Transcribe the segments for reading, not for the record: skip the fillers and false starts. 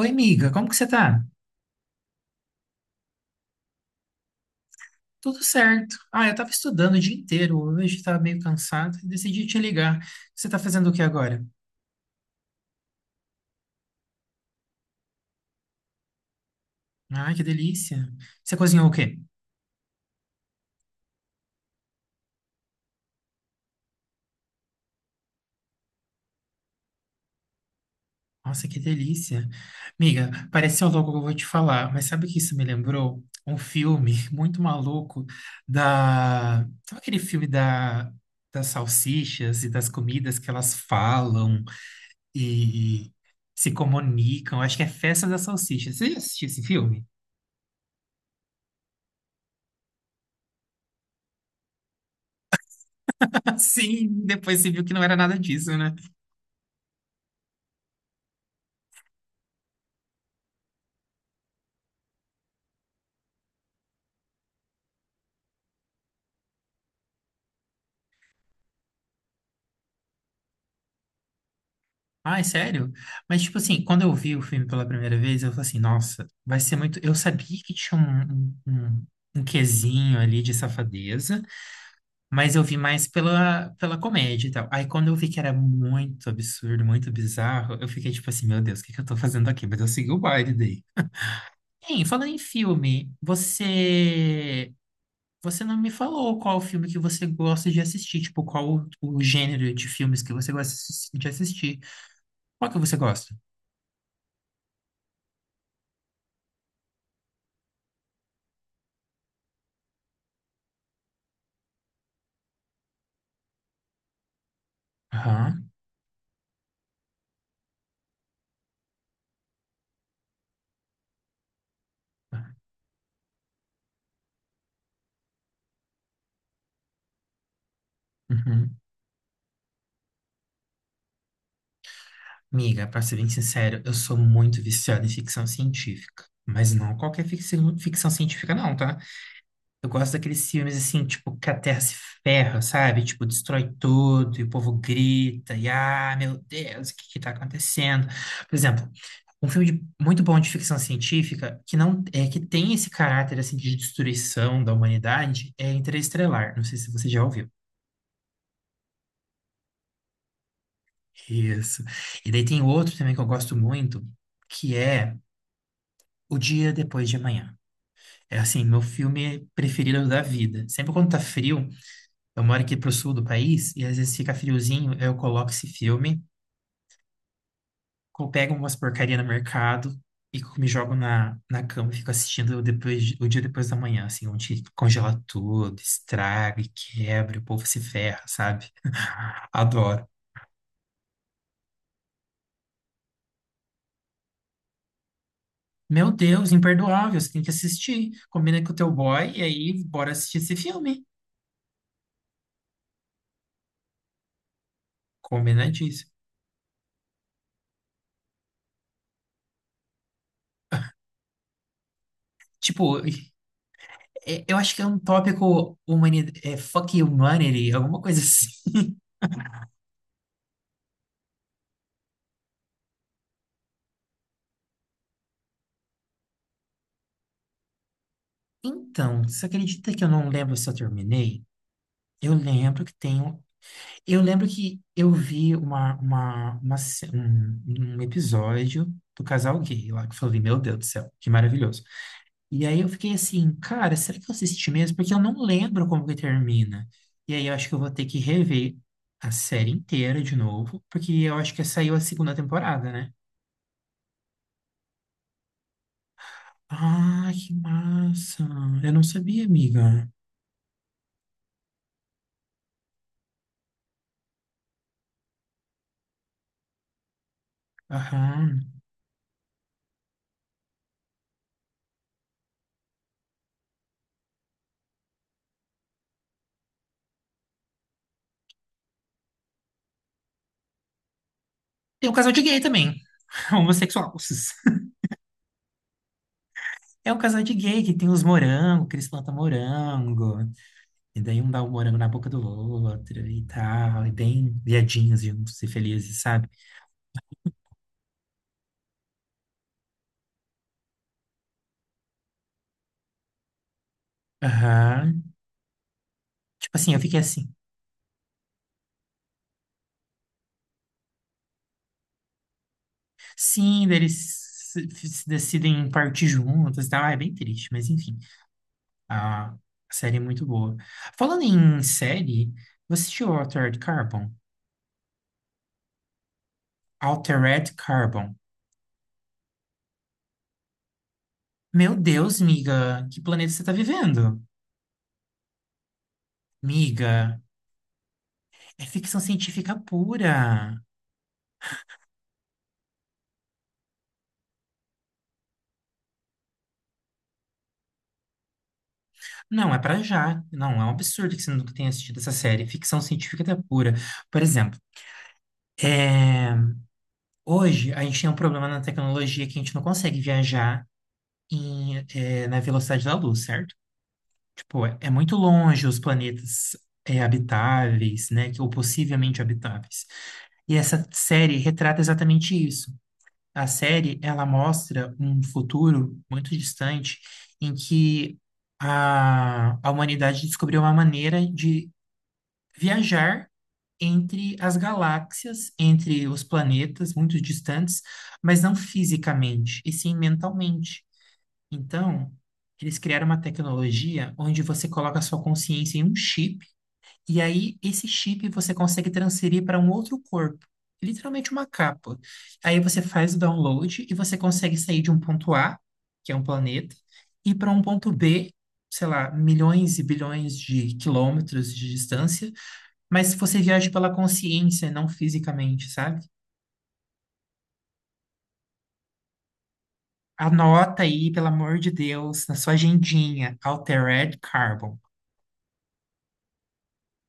Oi, amiga, como que você tá? Tudo certo. Eu tava estudando o dia inteiro hoje, tava meio cansado e decidi te ligar. Você tá fazendo o que agora? Ah, que delícia. Você cozinhou o quê? Nossa, que delícia. Amiga, pareceu louco o que eu vou te falar, mas sabe o que isso me lembrou? Um filme muito maluco da... Sabe aquele filme da... das salsichas e das comidas que elas falam e se comunicam? Acho que é Festa das Salsichas. Você já assistiu esse filme? Sim, depois você viu que não era nada disso, né? Ai, sério? Mas, tipo assim, quando eu vi o filme pela primeira vez, eu falei assim, nossa, vai ser muito. Eu sabia que tinha um quesinho ali de safadeza, mas eu vi mais pela comédia e tal. Aí, quando eu vi que era muito absurdo, muito bizarro, eu fiquei tipo assim, meu Deus, o que que eu tô fazendo aqui? Mas eu segui o baile daí. Hein, falando em filme, você. Você não me falou qual filme que você gosta de assistir, tipo, qual o gênero de filmes que você gosta de assistir. Qual que você gosta? Aham. Uhum. Amiga, pra ser bem sincero, eu sou muito viciado em ficção científica. Mas não qualquer ficção, ficção científica, não, tá? Eu gosto daqueles filmes assim, tipo, que a Terra se ferra, sabe? Tipo, destrói tudo e o povo grita, e ah, meu Deus, o que que tá acontecendo? Por exemplo, um muito bom de ficção científica que não é que tem esse caráter assim de destruição da humanidade é Interestelar. Não sei se você já ouviu. Isso. E daí tem outro também que eu gosto muito, que é O Dia Depois de Amanhã. É assim, meu filme preferido da vida. Sempre quando tá frio, eu moro aqui pro sul do país e às vezes fica friozinho, eu coloco esse filme, eu pego umas porcaria no mercado e me jogo na cama e fico assistindo depois, o dia depois da manhã, assim, onde congela tudo, estraga e quebra, e o povo se ferra, sabe? Adoro. Meu Deus, imperdoável, você tem que assistir. Combina com o teu boy e aí bora assistir esse filme. Combinadíssimo. Tipo, eu acho que é um tópico humani, é, fuck humanity, alguma coisa assim. Então, você acredita que eu não lembro se eu terminei? Eu lembro que tem um. Eu lembro que eu vi um episódio do casal gay lá, que eu falei, meu Deus do céu, que maravilhoso. E aí eu fiquei assim, cara, será que eu assisti mesmo? Porque eu não lembro como que termina. E aí eu acho que eu vou ter que rever a série inteira de novo, porque eu acho que saiu a segunda temporada, né? Ah, que massa! Eu não sabia, amiga. Aham. Tem um casal de gay também, homossexuais. É um casal de gay que tem os morangos, que eles plantam morango. E daí um dá o morango na boca do outro e tal, e bem viadinhos juntos e felizes, sabe? Aham. Tipo assim, eu fiquei assim. Sim, daí eles se decidem partir juntos e tal. Ah, é bem triste, mas enfim. A série é muito boa. Falando em série, você assistiu Altered Carbon? Altered Carbon. Meu Deus, miga, que planeta você tá vivendo? Miga, é ficção científica pura. Não, é pra já. Não, é um absurdo que você nunca tenha assistido essa série. Ficção científica até pura. Por exemplo, é, hoje a gente tem um problema na tecnologia que a gente não consegue viajar em, na velocidade da luz, certo? Tipo, é muito longe os planetas habitáveis, né? Ou possivelmente habitáveis. E essa série retrata exatamente isso. A série, ela mostra um futuro muito distante em que a humanidade descobriu uma maneira de viajar entre as galáxias, entre os planetas muito distantes, mas não fisicamente, e sim mentalmente. Então, eles criaram uma tecnologia onde você coloca a sua consciência em um chip, e aí esse chip você consegue transferir para um outro corpo. Literalmente uma capa. Aí você faz o download e você consegue sair de um ponto A, que é um planeta, e para um ponto B, sei lá, milhões e bilhões de quilômetros de distância, mas você viaja pela consciência, não fisicamente, sabe? Anota aí, pelo amor de Deus, na sua agendinha, Altered Carbon.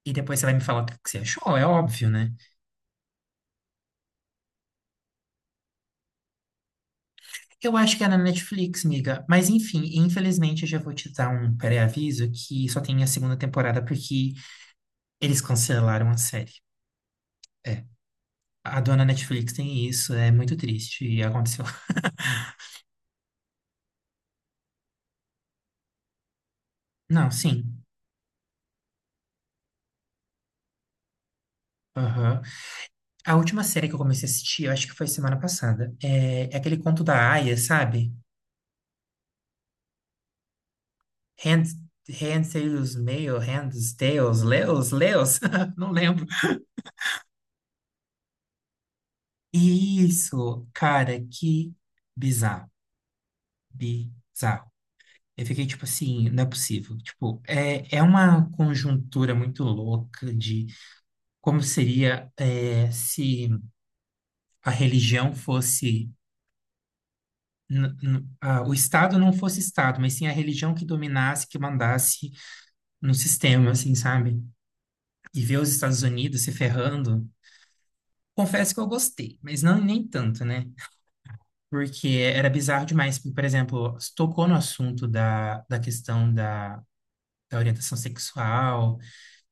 E depois você vai me falar o que que você achou, é óbvio, né? Eu acho que é na Netflix, miga. Mas enfim, infelizmente eu já vou te dar um pré-aviso que só tem a segunda temporada porque eles cancelaram a série. É, a dona Netflix tem isso, é muito triste e aconteceu. Não, sim. Aham. A última série que eu comecei a assistir, eu acho que foi semana passada, é aquele conto da Aya, sabe? Hand, Tails, Mail, Hands, Tails, Leos, Leos, não lembro. Isso, cara, que bizarro, bizarro. Eu fiquei tipo assim, não é possível. Tipo, é uma conjuntura muito louca de como seria é, se a religião fosse. O Estado não fosse Estado, mas sim a religião que dominasse, que mandasse no sistema, assim, sabe? E ver os Estados Unidos se ferrando. Confesso que eu gostei, mas não nem tanto, né? Porque era bizarro demais. Por exemplo, tocou no assunto da questão da, da orientação sexual,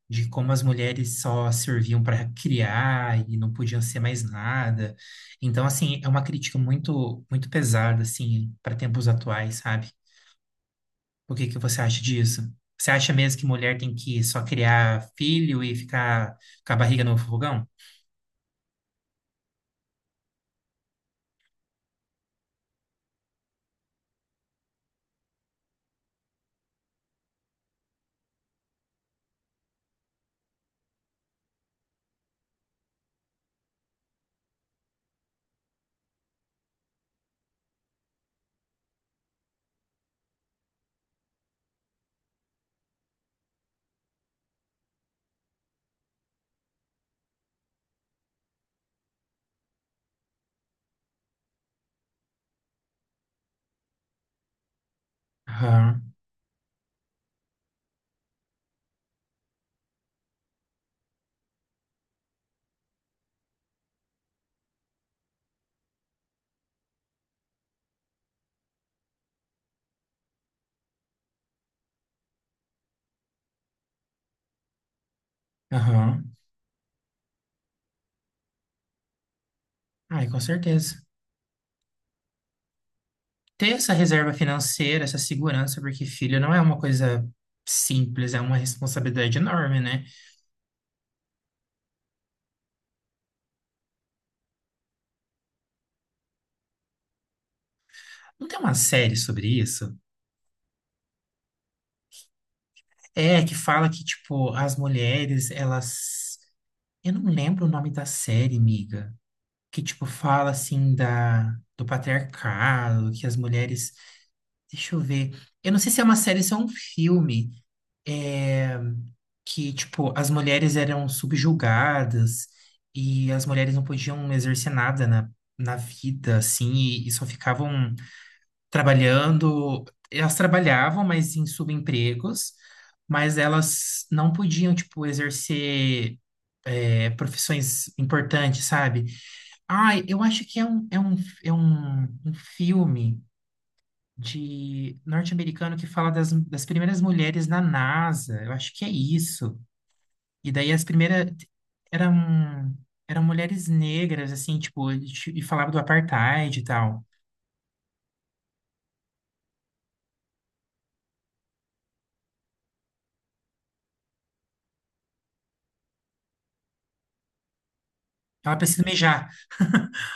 de como as mulheres só serviam para criar e não podiam ser mais nada. Então, assim, é uma crítica muito pesada, assim, para tempos atuais, sabe? O que que você acha disso? Você acha mesmo que mulher tem que só criar filho e ficar com a barriga no fogão? Aham, aham. Ai, com certeza. Ter essa reserva financeira, essa segurança, porque filho não é uma coisa simples, é uma responsabilidade enorme, né? Não tem uma série sobre isso? É, que fala que, tipo, as mulheres, elas. Eu não lembro o nome da série, miga. Que, tipo, fala assim da. Do patriarcado, que as mulheres. Deixa eu ver. Eu não sei se é uma série, se é um filme. É, que, tipo, as mulheres eram subjugadas e as mulheres não podiam exercer nada na, na vida, assim, e só ficavam trabalhando. Elas trabalhavam, mas em subempregos, mas elas não podiam, tipo, exercer, é, profissões importantes, sabe? Ai, eu acho que é um filme de norte-americano que fala das primeiras mulheres na NASA. Eu acho que é isso. E daí as primeiras eram eram mulheres negras, assim, tipo, e falava do apartheid e tal. Ela precisa mijar.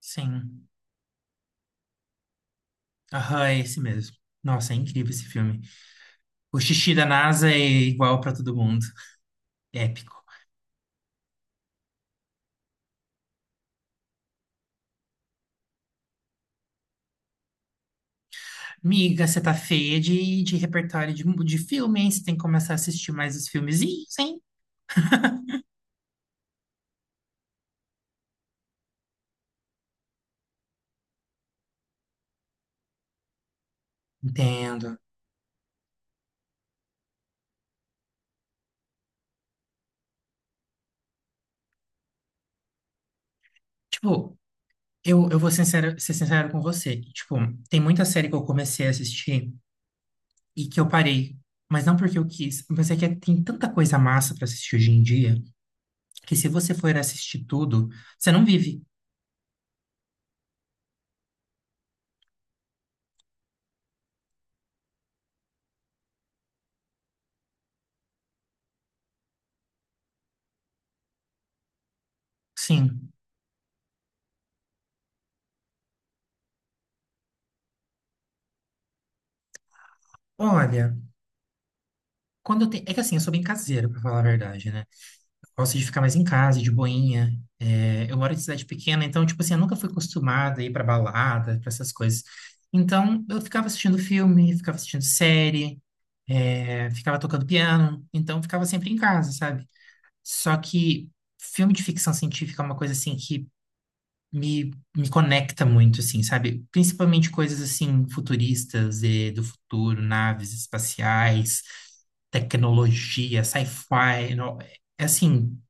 Sim. Aham, é esse mesmo. Nossa, é incrível esse filme. O xixi da NASA é igual pra todo mundo. Épico. Miga, você tá feia de repertório de filme, hein? Você tem que começar a assistir mais os filmezinhos, hein? Entendo. Tipo, ser sincero com você. Tipo, tem muita série que eu comecei a assistir e que eu parei. Mas não porque eu quis, mas é que tem tanta coisa massa pra assistir hoje em dia que se você for assistir tudo, você não vive. Sim. Olha, quando eu tenho. É que assim, eu sou bem caseiro, pra falar a verdade, né? Eu gosto de ficar mais em casa, de boinha. É, eu moro em cidade pequena, então, tipo assim, eu nunca fui acostumada a ir pra balada, pra essas coisas. Então, eu ficava assistindo filme, ficava assistindo série. É, ficava tocando piano, então ficava sempre em casa, sabe? Só que filme de ficção científica é uma coisa assim que me, me conecta muito, assim, sabe? Principalmente coisas assim futuristas e do futuro, naves espaciais, tecnologia, sci-fi, é assim,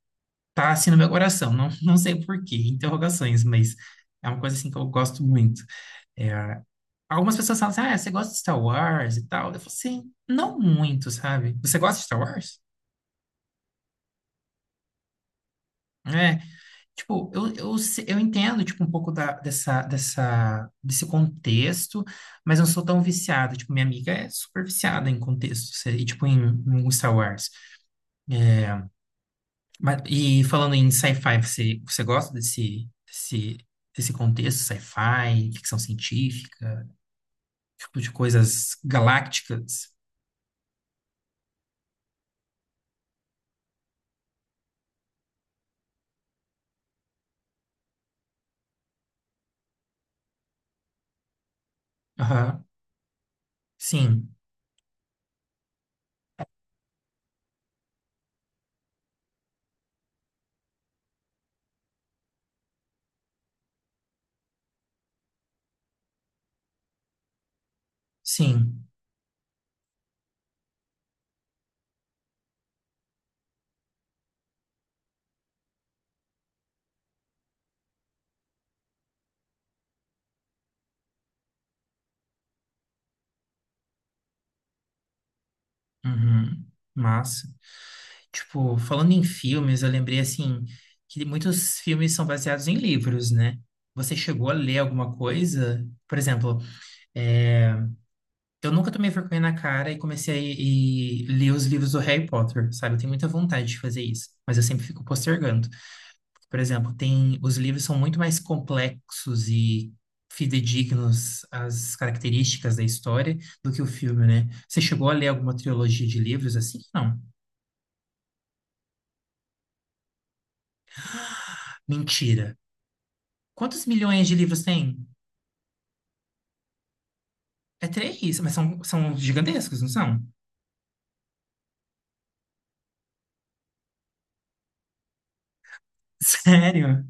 tá assim no meu coração, não, não sei por quê, interrogações, mas é uma coisa assim que eu gosto muito. É, algumas pessoas falam assim, ah, você gosta de Star Wars e tal? Eu falo assim, não muito, sabe? Você gosta de Star Wars? É, tipo, eu, se- eu entendo, tipo, um pouco dessa, desse contexto, mas eu não sou tão viciado. Tipo, minha amiga é super viciada em contexto, e, tipo, em, em Star Wars. É, mas, e falando em sci-fi, você gosta desse contexto, sci-fi, ficção científica, tipo, de coisas galácticas? Aham, sim, sim. Uhum, massa. Tipo, falando em filmes, eu lembrei assim que muitos filmes são baseados em livros, né? Você chegou a ler alguma coisa? Por exemplo, é, eu nunca tomei vergonha na cara e comecei a ler os livros do Harry Potter, sabe? Eu tenho muita vontade de fazer isso, mas eu sempre fico postergando. Por exemplo, tem os livros são muito mais complexos e fidedignos às características da história do que o filme, né? Você chegou a ler alguma trilogia de livros assim? Não. Mentira. Quantos milhões de livros tem? É três, mas são, são gigantescos, não são? Sério?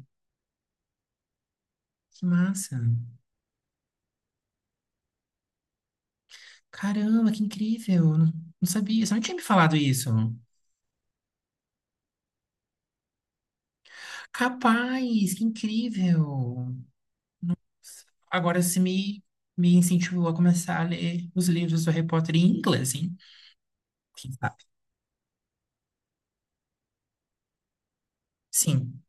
Que massa. Caramba, que incrível. Não, não sabia, você não tinha me falado isso. Capaz, que incrível. Agora você me, me incentivou a começar a ler os livros do Harry Potter em inglês, hein? Quem sabe? Sim.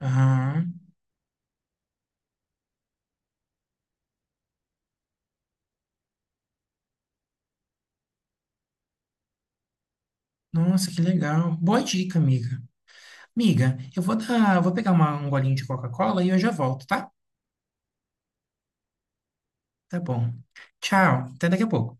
Aham. Nossa, que legal. Boa dica, amiga. Amiga, eu vou vou pegar um golinho de Coca-Cola e eu já volto, tá? Tá bom. Tchau. Até daqui a pouco.